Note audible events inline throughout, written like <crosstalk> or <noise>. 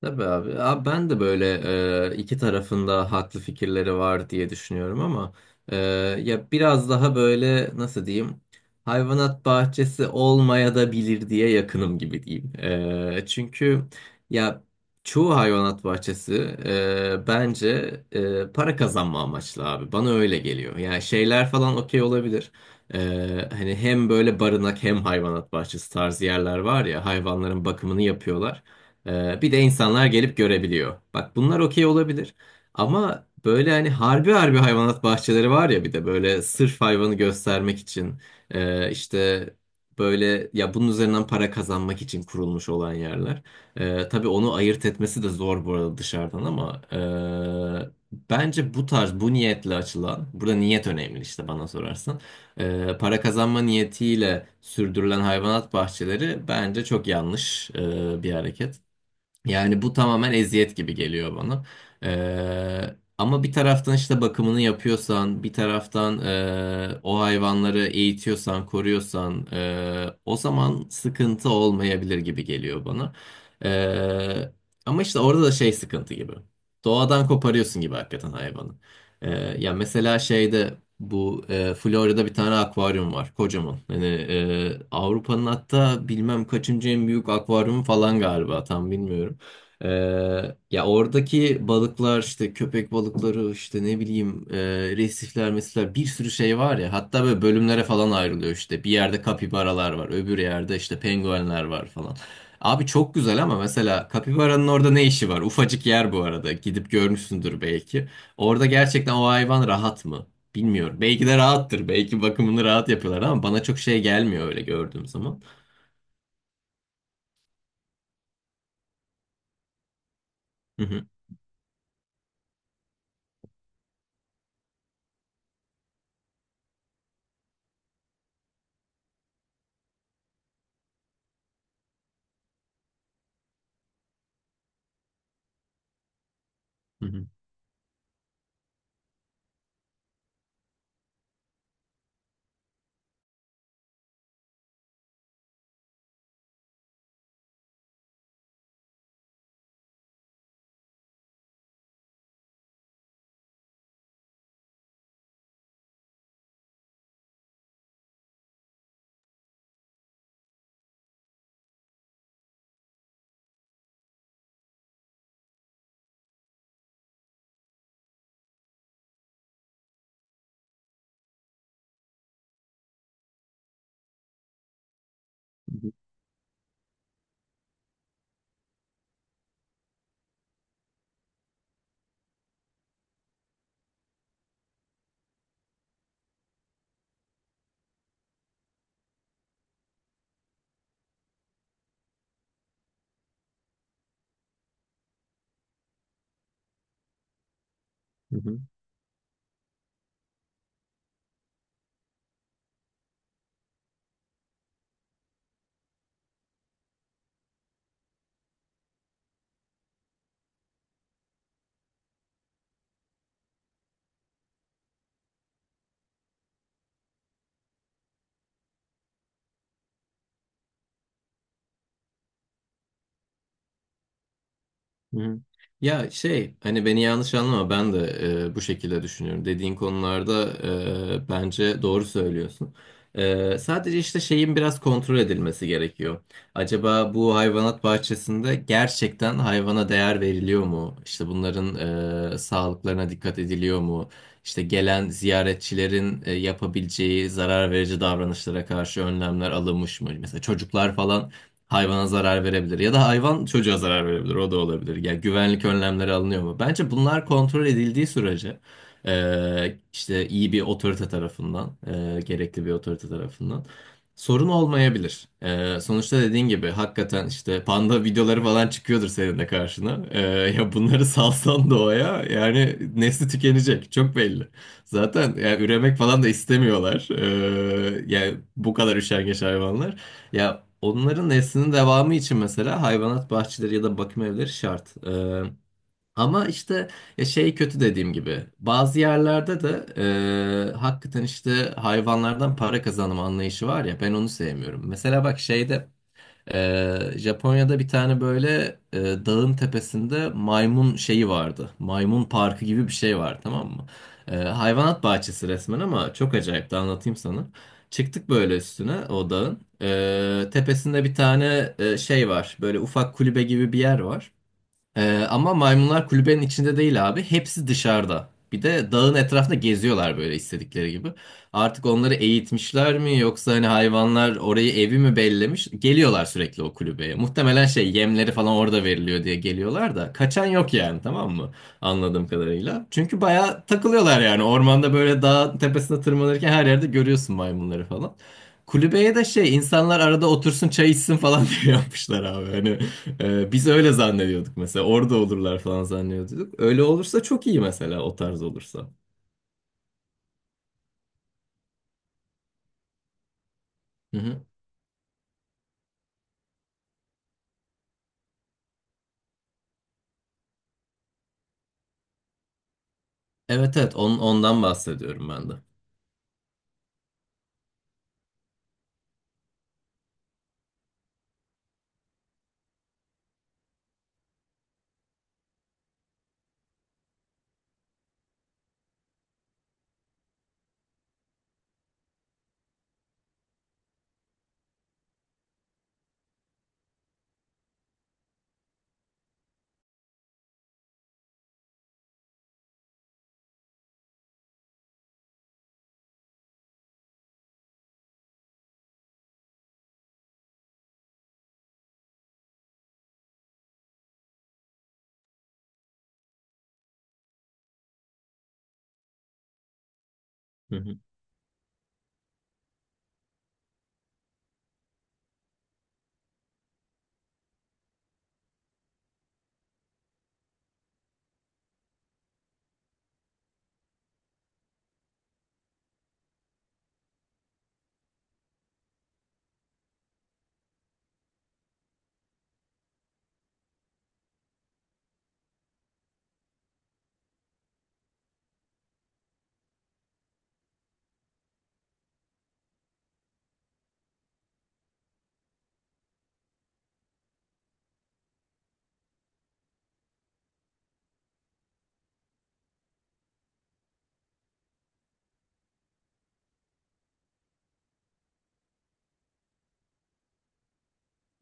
Tabii abi. Abi ben de böyle iki tarafında haklı fikirleri var diye düşünüyorum ama e, ya biraz daha böyle nasıl diyeyim hayvanat bahçesi olmaya da bilir diye yakınım gibi diyeyim. Çünkü ya çoğu hayvanat bahçesi bence para kazanma amaçlı abi. Bana öyle geliyor. Yani şeyler falan okey olabilir. Hani hem böyle barınak hem hayvanat bahçesi tarzı yerler var ya hayvanların bakımını yapıyorlar. Bir de insanlar gelip görebiliyor. Bak bunlar okey olabilir. Ama böyle hani harbi harbi hayvanat bahçeleri var ya bir de böyle sırf hayvanı göstermek için işte böyle ya bunun üzerinden para kazanmak için kurulmuş olan yerler. Tabii onu ayırt etmesi de zor bu arada dışarıdan ama bence bu tarz bu niyetle açılan burada niyet önemli işte bana sorarsan. Para kazanma niyetiyle sürdürülen hayvanat bahçeleri bence çok yanlış bir hareket. Yani bu tamamen eziyet gibi geliyor bana. Ama bir taraftan işte bakımını yapıyorsan, bir taraftan o hayvanları eğitiyorsan, koruyorsan, o zaman sıkıntı olmayabilir gibi geliyor bana. Ee, Ama işte orada da şey sıkıntı gibi. Doğadan koparıyorsun gibi hakikaten hayvanı. Ee, Ya mesela şeyde bu Florya'da bir tane akvaryum var, kocaman. Hani Avrupa'nın hatta bilmem kaçıncı en büyük akvaryumu falan galiba, tam bilmiyorum. Ya oradaki balıklar işte köpek balıkları işte ne bileyim resifler mesela bir sürü şey var ya hatta böyle bölümlere falan ayrılıyor işte bir yerde kapibaralar var öbür yerde işte penguenler var falan. Abi çok güzel ama mesela kapibaranın orada ne işi var? Ufacık yer bu arada gidip görmüşsündür belki. Orada gerçekten o hayvan rahat mı? Bilmiyorum. Belki de rahattır. Belki bakımını rahat yapıyorlar ama bana çok şey gelmiyor öyle gördüğüm zaman. Hı hı. Hı hı. Hı hı. Hı. Ya şey hani beni yanlış anlama ben de bu şekilde düşünüyorum. Dediğin konularda bence doğru söylüyorsun. Sadece işte şeyin biraz kontrol edilmesi gerekiyor. Acaba bu hayvanat bahçesinde gerçekten hayvana değer veriliyor mu? İşte bunların sağlıklarına dikkat ediliyor mu? İşte gelen ziyaretçilerin yapabileceği zarar verici davranışlara karşı önlemler alınmış mı? Mesela çocuklar falan hayvana zarar verebilir ya da hayvan çocuğa zarar verebilir o da olabilir. Yani güvenlik önlemleri alınıyor mu? Bence bunlar kontrol edildiği sürece işte iyi bir otorite tarafından gerekli bir otorite tarafından sorun olmayabilir. Sonuçta dediğin gibi hakikaten işte panda videoları falan çıkıyordur senin de karşına. Ya bunları salsan doğaya yani nesli tükenecek çok belli. Zaten yani üremek falan da istemiyorlar. Yani bu kadar üşengeç hayvanlar. Ya onların neslinin devamı için mesela hayvanat bahçeleri ya da bakım evleri şart. Ama işte ya şey kötü dediğim gibi bazı yerlerde de hakikaten işte hayvanlardan para kazanma anlayışı var ya ben onu sevmiyorum. Mesela bak şeyde Japonya'da bir tane böyle dağın tepesinde maymun şeyi vardı. Maymun parkı gibi bir şey var tamam mı? Hayvanat bahçesi resmen ama çok acayip de anlatayım sana. Çıktık böyle üstüne o dağın. Tepesinde bir tane şey var. Böyle ufak kulübe gibi bir yer var. Ama maymunlar kulübenin içinde değil abi. Hepsi dışarıda. Bir de dağın etrafında geziyorlar böyle istedikleri gibi. Artık onları eğitmişler mi yoksa hani hayvanlar orayı evi mi bellemiş? Geliyorlar sürekli o kulübeye. Muhtemelen şey yemleri falan orada veriliyor diye geliyorlar da kaçan yok yani tamam mı? Anladığım kadarıyla. Çünkü bayağı takılıyorlar yani. Ormanda böyle dağ tepesine tırmanırken her yerde görüyorsun maymunları falan. Kulübeye de şey insanlar arada otursun çay içsin falan <laughs> diye yapmışlar abi. Hani biz öyle zannediyorduk mesela. Orada olurlar falan zannediyorduk. Öyle olursa çok iyi mesela o tarz olursa. Hı hı. Evet, evet, ondan bahsediyorum ben de. Hı hı.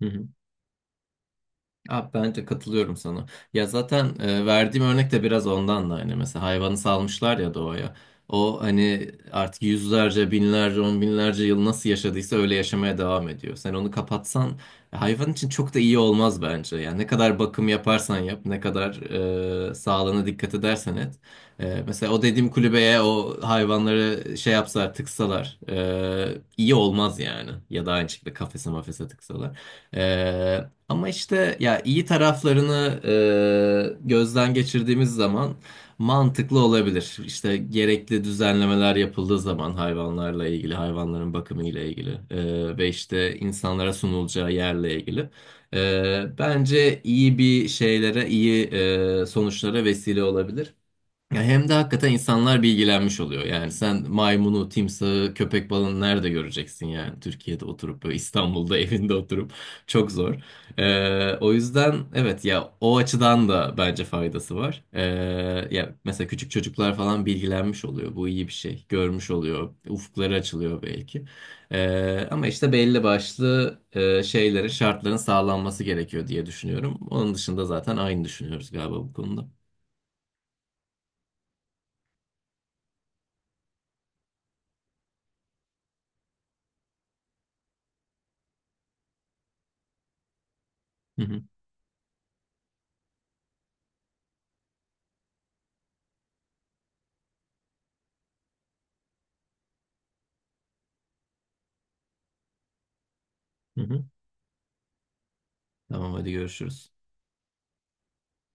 Hı hı. Abi bence katılıyorum sana. Ya zaten verdiğim örnek de biraz ondan da hani mesela hayvanı salmışlar ya doğaya. O hani artık yüzlerce, binlerce, on binlerce yıl nasıl yaşadıysa öyle yaşamaya devam ediyor. Sen onu kapatsan hayvan için çok da iyi olmaz bence. Yani ne kadar bakım yaparsan yap, ne kadar sağlığına dikkat edersen et. Mesela o dediğim kulübeye o hayvanları şey yapsalar, tıksalar iyi olmaz yani. Ya da aynı şekilde kafese mafese tıksalar. E, Ama işte ya iyi taraflarını gözden geçirdiğimiz zaman mantıklı olabilir. İşte gerekli düzenlemeler yapıldığı zaman hayvanlarla ilgili, hayvanların bakımı ile ilgili ve işte insanlara sunulacağı yerle ilgili. Bence iyi bir şeylere, iyi sonuçlara vesile olabilir. Ya hem de hakikaten insanlar bilgilenmiş oluyor. Yani sen maymunu, timsahı, köpek balığını nerede göreceksin yani? Türkiye'de oturup böyle İstanbul'da <laughs> evinde oturup çok zor. O yüzden evet ya o açıdan da bence faydası var. Ya mesela küçük çocuklar falan bilgilenmiş oluyor. Bu iyi bir şey. Görmüş oluyor. Ufukları açılıyor belki. Ama işte belli başlı şeylerin, şartların sağlanması gerekiyor diye düşünüyorum. Onun dışında zaten aynı düşünüyoruz galiba bu konuda. Hı hı. Hı hı. Tamam, hadi görüşürüz.